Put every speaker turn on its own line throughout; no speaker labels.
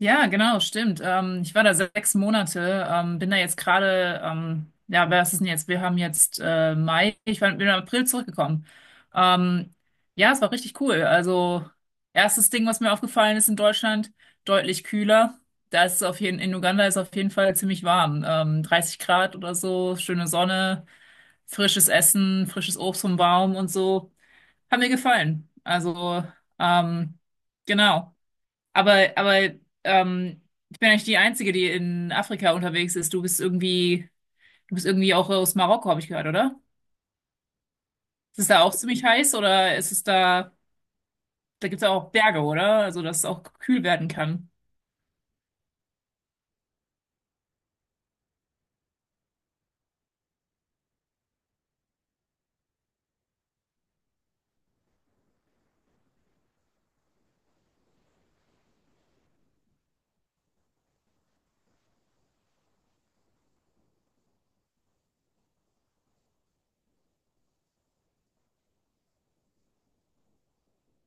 Ja, genau, stimmt. Ich war da 6 Monate, bin da jetzt gerade, ja, was ist denn jetzt? Wir haben jetzt Mai, bin im April zurückgekommen. Ähm, ja, es war richtig cool. Also, erstes Ding, was mir aufgefallen ist in Deutschland, deutlich kühler. Da ist es auf jeden, In Uganda ist es auf jeden Fall ziemlich warm. 30 Grad oder so, schöne Sonne, frisches Essen, frisches Obst vom Baum und so. Hat mir gefallen. Also, ähm, genau. Aber ähm, ich bin eigentlich die Einzige, die in Afrika unterwegs ist. Du bist irgendwie auch aus Marokko, habe ich gehört, oder? Ist es da auch ziemlich heiß oder da gibt es auch Berge, oder? Also, dass es auch kühl werden kann.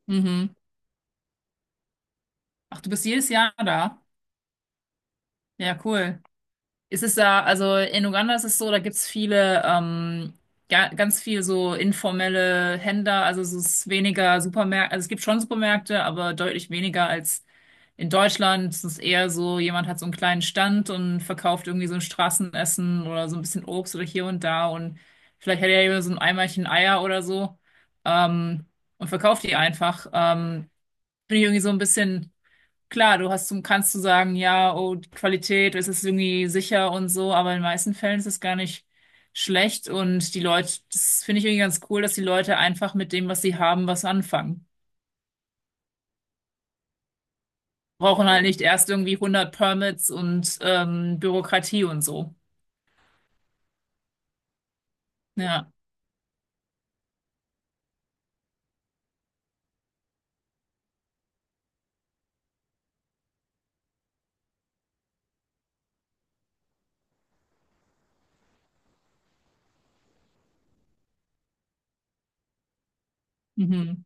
Mhm. Ach, du bist jedes Jahr da. Ja, cool. Also in Uganda ist es so, da gibt's viele, ganz viel so informelle Händler, also es ist weniger Supermärkte, also es gibt schon Supermärkte, aber deutlich weniger als in Deutschland. Es ist eher so, jemand hat so einen kleinen Stand und verkauft irgendwie so ein Straßenessen oder so ein bisschen Obst oder hier und da und vielleicht hat er ja so ein Eimerchen Eier oder so, ähm, und verkauft die einfach. Finde ich irgendwie so ein bisschen. Klar, kannst du sagen, ja, oh, die Qualität, es ist irgendwie sicher und so, aber in den meisten Fällen ist es gar nicht schlecht und die Leute, das finde ich irgendwie ganz cool, dass die Leute einfach mit dem, was sie haben, was anfangen. Brauchen halt nicht erst irgendwie 100 Permits und Bürokratie und so. Ja. Mhm.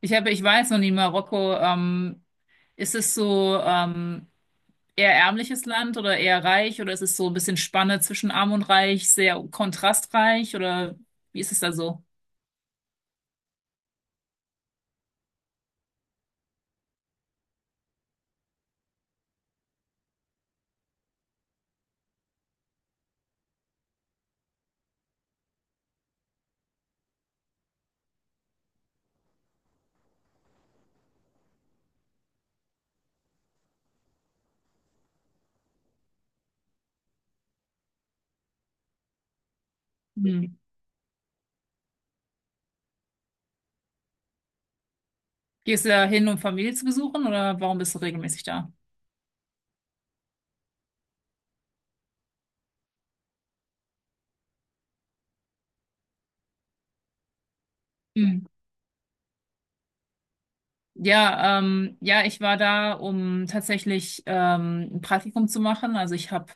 Ich weiß noch nie, Marokko, ist es so eher ärmliches Land oder eher reich oder ist es so ein bisschen Spanne zwischen arm und reich, sehr kontrastreich oder wie ist es da so? Hm. Gehst du da hin, um Familie zu besuchen oder warum bist du regelmäßig da? Mhm. Ja, ja, ich war da, um tatsächlich ein Praktikum zu machen. Also ich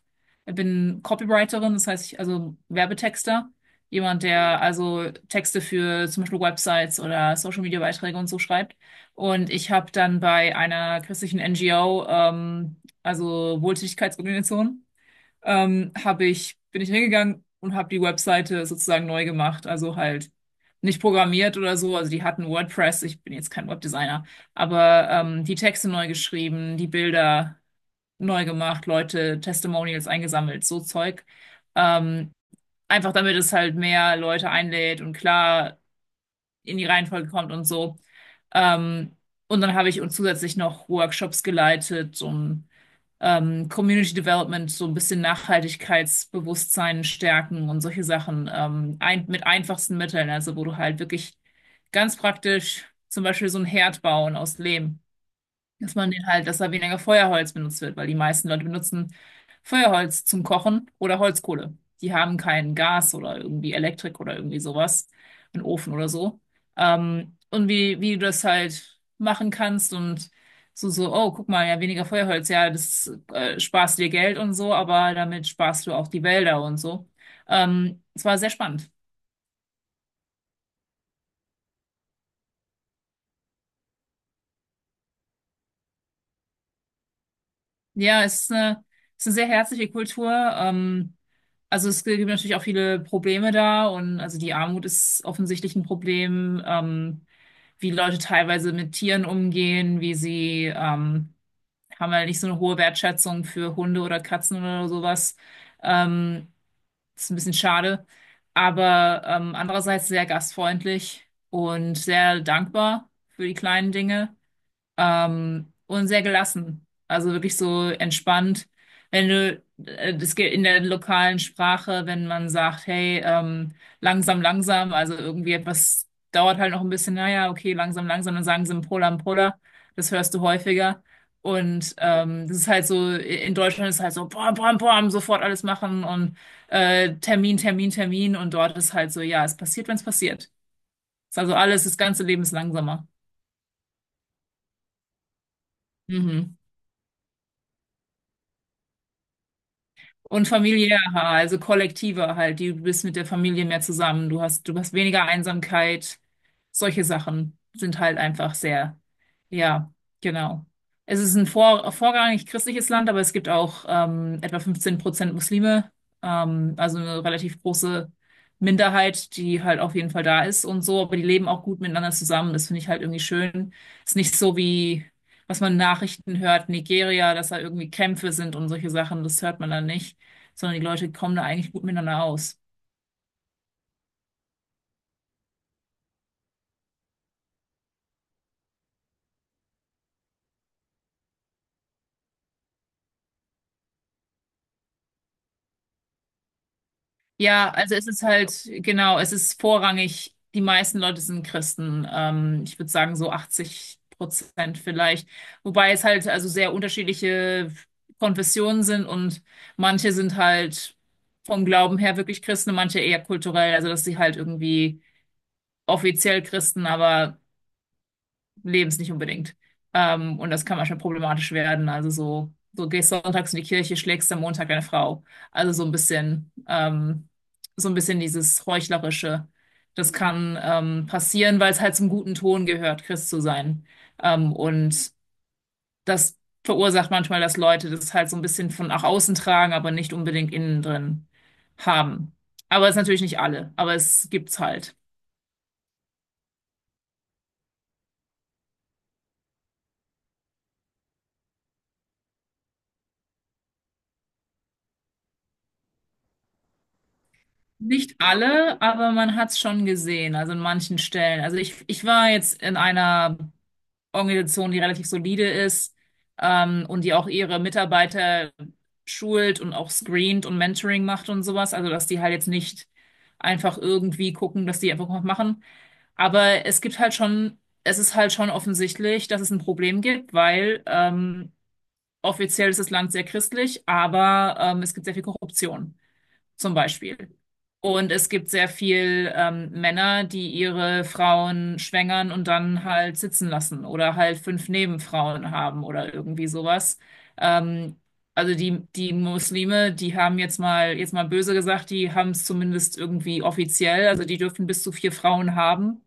bin Copywriterin, das heißt, ich, also Werbetexter, jemand, der also Texte für zum Beispiel Websites oder Social Media Beiträge und so schreibt. Und ich habe dann bei einer christlichen NGO, also Wohltätigkeitsorganisation, bin ich hingegangen und habe die Webseite sozusagen neu gemacht. Also halt nicht programmiert oder so. Also die hatten WordPress. Ich bin jetzt kein Webdesigner, aber die Texte neu geschrieben, die Bilder neu gemacht, Leute, Testimonials eingesammelt, so Zeug. Ähm, Einfach damit es halt mehr Leute einlädt und klar in die Reihenfolge kommt und so. Ähm, und dann habe ich und zusätzlich noch Workshops geleitet und Community Development, so ein bisschen Nachhaltigkeitsbewusstsein stärken und solche Sachen, mit einfachsten Mitteln, also wo du halt wirklich ganz praktisch zum Beispiel so einen Herd bauen aus Lehm. Dass man den halt, dass da weniger Feuerholz benutzt wird, weil die meisten Leute benutzen Feuerholz zum Kochen oder Holzkohle. Die haben kein Gas oder irgendwie Elektrik oder irgendwie sowas, einen Ofen oder so. Und wie du das halt machen kannst und oh, guck mal, ja, weniger Feuerholz, ja, das sparst dir Geld und so, aber damit sparst du auch die Wälder und so. Es war sehr spannend. Ja, es ist eine sehr herzliche Kultur. Ähm, also es gibt natürlich auch viele Probleme da und also die Armut ist offensichtlich ein Problem, wie Leute teilweise mit Tieren umgehen, wie sie haben halt nicht so eine hohe Wertschätzung für Hunde oder Katzen oder sowas. Ähm, Ist ein bisschen schade, aber andererseits sehr gastfreundlich und sehr dankbar für die kleinen Dinge, und sehr gelassen. Also wirklich so entspannt. Wenn du, Das geht in der lokalen Sprache, wenn man sagt, hey, langsam, langsam, also irgendwie etwas dauert halt noch ein bisschen, naja, okay, langsam, langsam, dann sagen sie Mpola, Mpola. Das hörst du häufiger. Und das ist halt so, in Deutschland ist halt so, bam, bam, bam, sofort alles machen und Termin, Termin, Termin. Und dort ist halt so, ja, es passiert, wenn es passiert. Ist also alles, das ganze Leben ist langsamer. Mhm. Und familiärer, also kollektiver halt. Du bist mit der Familie mehr zusammen. Du hast weniger Einsamkeit. Solche Sachen sind halt einfach sehr, ja, genau. Es ist ein vorrangig christliches Land, aber es gibt auch etwa 15% Muslime, also eine relativ große Minderheit, die halt auf jeden Fall da ist und so, aber die leben auch gut miteinander zusammen. Das finde ich halt irgendwie schön. Ist nicht so wie, was man in Nachrichten hört, Nigeria, dass da irgendwie Kämpfe sind und solche Sachen, das hört man dann nicht, sondern die Leute kommen da eigentlich gut miteinander aus. Ja, also es ist halt, genau, es ist vorrangig, die meisten Leute sind Christen. Ich würde sagen so 80% vielleicht. Wobei es halt also sehr unterschiedliche Konfessionen sind und manche sind halt vom Glauben her wirklich Christen, und manche eher kulturell, also dass sie halt irgendwie offiziell Christen, aber Lebens nicht unbedingt. Und das kann manchmal problematisch werden. Also so gehst sonntags in die Kirche, schlägst am Montag deine Frau. Also so ein bisschen dieses Heuchlerische. Das kann passieren, weil es halt zum guten Ton gehört, Christ zu sein. Und das verursacht manchmal, dass Leute das halt so ein bisschen von nach außen tragen, aber nicht unbedingt innen drin haben. Aber es ist natürlich nicht alle, aber es gibt's halt. Nicht alle, aber man hat es schon gesehen, also in manchen Stellen. Also ich war jetzt in einer Organisation, die relativ solide ist, und die auch ihre Mitarbeiter schult und auch screent und Mentoring macht und sowas. Also dass die halt jetzt nicht einfach irgendwie gucken, dass die einfach was machen. Aber es gibt halt schon, es ist halt schon offensichtlich, dass es ein Problem gibt, weil offiziell ist das Land sehr christlich, aber es gibt sehr viel Korruption zum Beispiel. Und es gibt sehr viel Männer, die ihre Frauen schwängern und dann halt sitzen lassen oder halt fünf Nebenfrauen haben oder irgendwie sowas. Ähm, also die Muslime, die haben jetzt mal böse gesagt, die haben es zumindest irgendwie offiziell, also die dürfen bis zu vier Frauen haben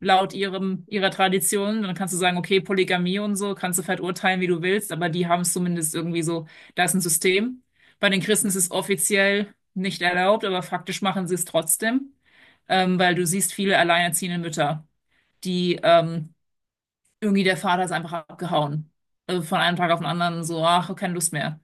laut ihrer Tradition. Dann kannst du sagen, okay, Polygamie und so, kannst du verurteilen, wie du willst, aber die haben es zumindest irgendwie so, da ist ein System. Bei den Christen ist es offiziell nicht erlaubt, aber faktisch machen sie es trotzdem, weil du siehst viele alleinerziehende Mütter, die irgendwie der Vater ist einfach abgehauen. Also von einem Tag auf den anderen so, ach, keine Lust mehr.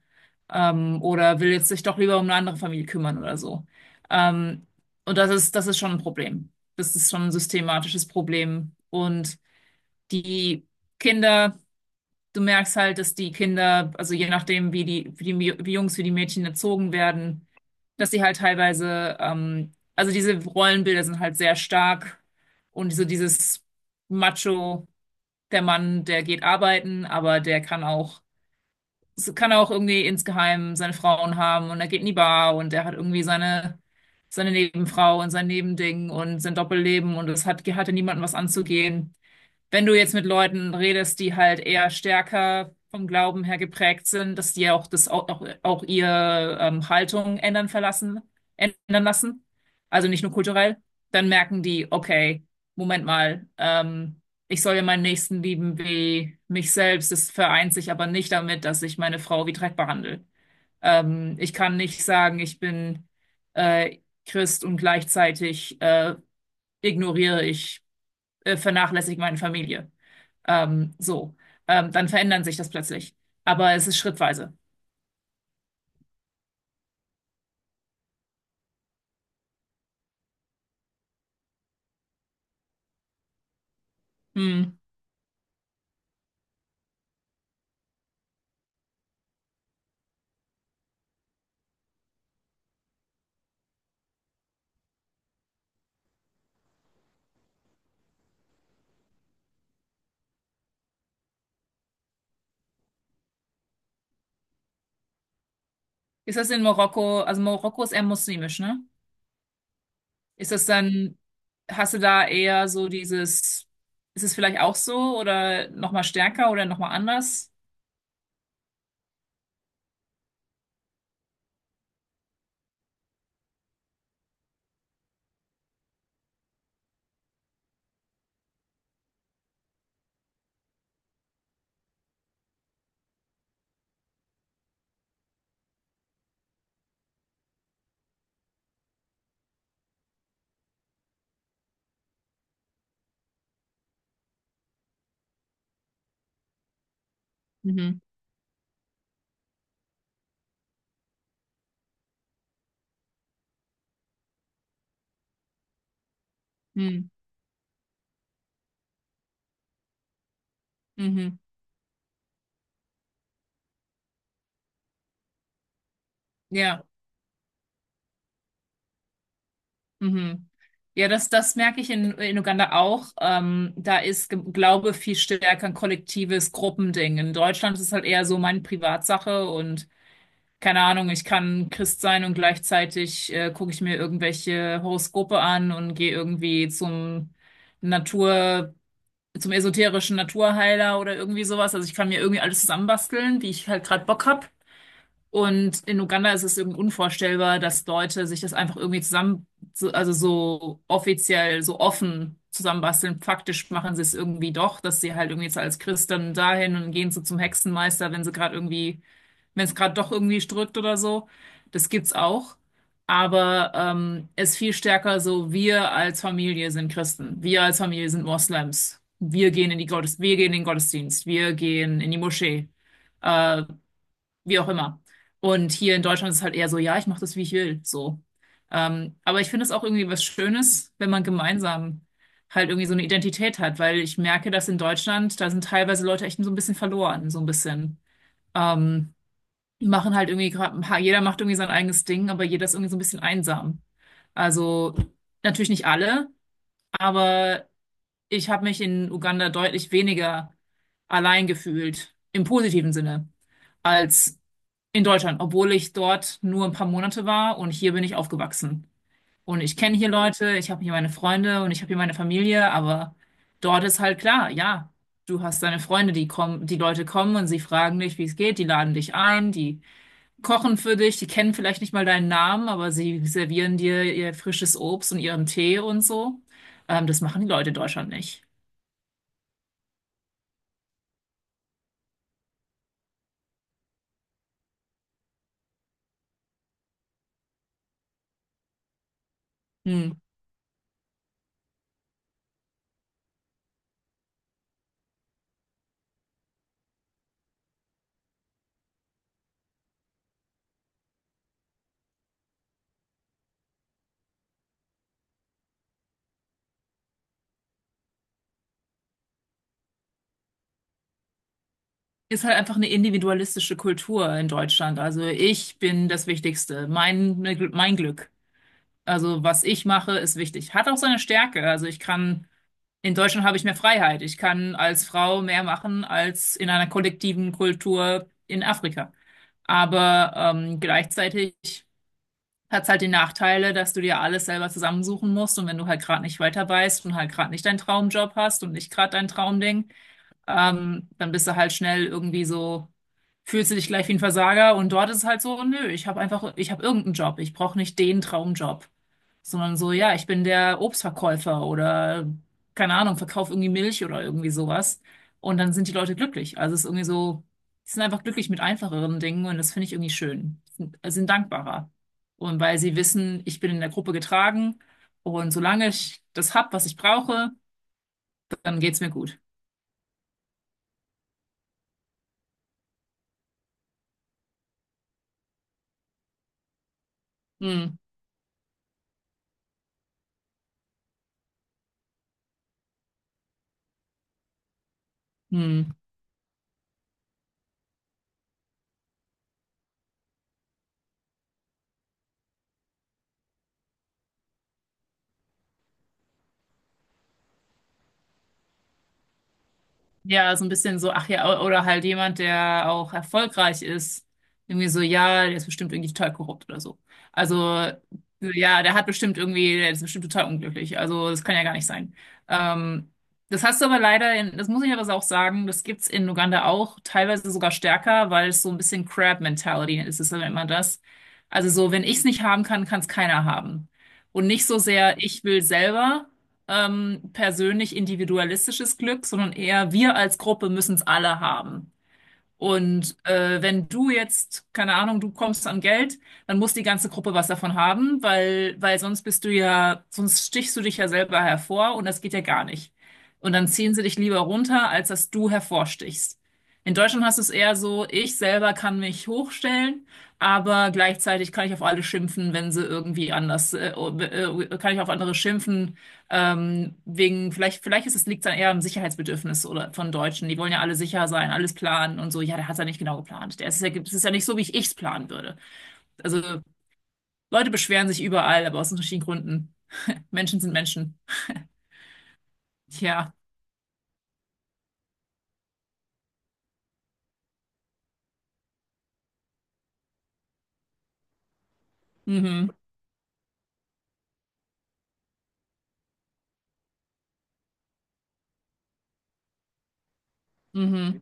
Oder will jetzt sich doch lieber um eine andere Familie kümmern oder so. Ähm, und das ist schon ein Problem. Das ist schon ein systematisches Problem. Und die Kinder, du merkst halt, dass die Kinder, also je nachdem, wie Jungs, wie die Mädchen erzogen werden, dass sie halt teilweise, also diese Rollenbilder sind halt sehr stark und so dieses Macho, der Mann, der geht arbeiten, aber der kann auch irgendwie insgeheim seine Frauen haben und er geht in die Bar und er hat irgendwie seine Nebenfrau und sein Nebending und sein Doppelleben und hatte niemanden was anzugehen, wenn du jetzt mit Leuten redest, die halt eher stärker vom Glauben her geprägt sind, dass die ja auch das auch, ihre Haltung ändern verlassen, ändern lassen, also nicht nur kulturell, dann merken die, okay, Moment mal, ich soll ja meinen Nächsten lieben wie mich selbst. Das vereint sich aber nicht damit, dass ich meine Frau wie Dreck behandle. Ich kann nicht sagen, ich bin äh, Christ und gleichzeitig ignoriere ich vernachlässige meine Familie. So, dann verändern sich das plötzlich. Aber es ist schrittweise. Hm. Ist das in Marokko, also Marokko ist eher muslimisch, ne? Ist das dann, hast du da eher so dieses, ist es vielleicht auch so oder nochmal stärker oder nochmal anders? Mhm. Mhm. Mhm. Ja. Mhm. Ja, das merke ich in Uganda auch. Da ist Glaube viel stärker ein kollektives Gruppending. In Deutschland ist es halt eher so meine Privatsache und keine Ahnung, ich kann Christ sein und gleichzeitig gucke ich mir irgendwelche Horoskope an und gehe irgendwie Natur, zum esoterischen Naturheiler oder irgendwie sowas. Also ich kann mir irgendwie alles zusammenbasteln, wie ich halt gerade Bock hab. Und in Uganda ist es eben unvorstellbar, dass Leute sich das einfach irgendwie zusammen, also so offiziell, so offen zusammenbasteln. Faktisch machen sie es irgendwie doch, dass sie halt irgendwie jetzt als Christ dann dahin und gehen so zum Hexenmeister, wenn sie gerade irgendwie, wenn es gerade doch irgendwie drückt oder so. Das gibt's auch. Aber es ist viel stärker so, wir als Familie sind Christen, wir als Familie sind Moslems, wir gehen in die Gottes, wir gehen in den Gottesdienst, wir gehen in die Moschee. Äh, Wie auch immer. Und hier in Deutschland ist es halt eher so, ja, ich mache das, wie ich will, so. Aber ich finde es auch irgendwie was Schönes, wenn man gemeinsam halt irgendwie so eine Identität hat, weil ich merke, dass in Deutschland, da sind teilweise Leute echt so ein bisschen verloren, so ein bisschen. Ähm, Die machen halt irgendwie gerade, jeder macht irgendwie sein eigenes Ding, aber jeder ist irgendwie so ein bisschen einsam. Also natürlich nicht alle, aber ich habe mich in Uganda deutlich weniger allein gefühlt, im positiven Sinne, als in Deutschland, obwohl ich dort nur ein paar Monate war und hier bin ich aufgewachsen. Und ich kenne hier Leute, ich habe hier meine Freunde und ich habe hier meine Familie, aber dort ist halt klar, ja, du hast deine Freunde, die kommen, die Leute kommen und sie fragen dich, wie es geht, die laden dich ein, die kochen für dich, die kennen vielleicht nicht mal deinen Namen, aber sie servieren dir ihr frisches Obst und ihren Tee und so. Das machen die Leute in Deutschland nicht. Hm. Ist halt einfach eine individualistische Kultur in Deutschland. Also ich bin das Wichtigste, mein Glück. Also was ich mache, ist wichtig. Hat auch seine Stärke. In Deutschland habe ich mehr Freiheit. Ich kann als Frau mehr machen als in einer kollektiven Kultur in Afrika. Aber gleichzeitig hat es halt die Nachteile, dass du dir alles selber zusammensuchen musst. Und wenn du halt gerade nicht weiter weißt und halt gerade nicht deinen Traumjob hast und nicht gerade dein Traumding, dann bist du halt schnell irgendwie so, fühlst du dich gleich wie ein Versager und dort ist es halt so, nö, ich habe irgendeinen Job, ich brauche nicht den Traumjob, sondern so, ja, ich bin der Obstverkäufer oder keine Ahnung, verkauf irgendwie Milch oder irgendwie sowas und dann sind die Leute glücklich. Also es ist irgendwie so, die sind einfach glücklich mit einfacheren Dingen und das finde ich irgendwie schön. Sind dankbarer. Und weil sie wissen, ich bin in der Gruppe getragen und solange ich das hab, was ich brauche, dann geht's mir gut. Hm. Hm. Ja, so ein bisschen so, ach ja, oder halt jemand, der auch erfolgreich ist. Irgendwie so, ja, der ist bestimmt irgendwie total korrupt oder so. Also, ja, der hat bestimmt irgendwie, der ist bestimmt total unglücklich. Also, das kann ja gar nicht sein. Ähm, Das hast du aber leider, das muss ich aber auch sagen, das gibt's in Uganda auch, teilweise sogar stärker, weil es so ein bisschen Crab-Mentality ist, das nennt man das. Also so, wenn ich's nicht haben kann, kann's keiner haben. Und nicht so sehr, ich will selber persönlich individualistisches Glück, sondern eher wir als Gruppe müssen es alle haben. Und wenn du jetzt, keine Ahnung, du kommst an Geld, dann muss die ganze Gruppe was davon haben, weil sonst bist du ja, sonst stichst du dich ja selber hervor und das geht ja gar nicht. Und dann ziehen sie dich lieber runter, als dass du hervorstichst. In Deutschland hast du es eher so, ich selber kann mich hochstellen, aber gleichzeitig kann ich auf alle schimpfen, wenn sie irgendwie anders, kann ich auf andere schimpfen, vielleicht liegt es dann eher am Sicherheitsbedürfnis oder von Deutschen. Die wollen ja alle sicher sein, alles planen und so. Ja, der hat es ja nicht genau geplant. Es ist ja nicht so, wie ich es planen würde. Also Leute beschweren sich überall, aber aus unterschiedlichen Gründen. Menschen sind Menschen. Tja, mhm, mhm.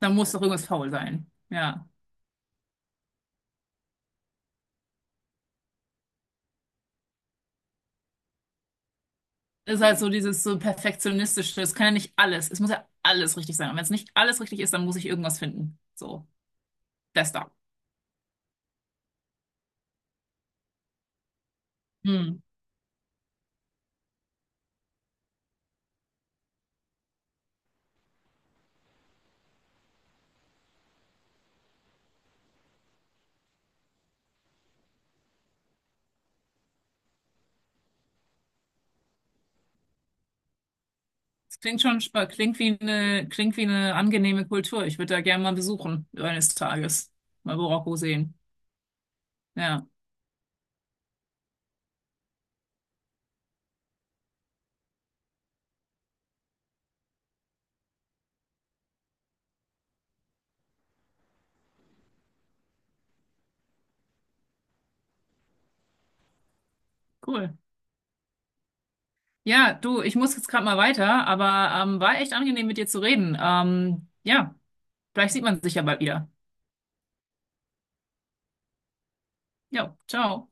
Da muss doch irgendwas faul sein. Ja. Ist halt so dieses so perfektionistische. Es kann ja nicht alles. Es muss ja alles richtig sein. Und wenn es nicht alles richtig ist, dann muss ich irgendwas finden. So. Das da. Das klingt schon, spa- klingt wie klingt wie eine angenehme Kultur. Ich würde da gerne mal besuchen, eines Tages. Mal Marokko sehen. Ja, cool. Ja, du, ich muss jetzt gerade mal weiter, aber war echt angenehm, mit dir zu reden. Ja, vielleicht sieht man sich ja bald wieder. Ja, ciao.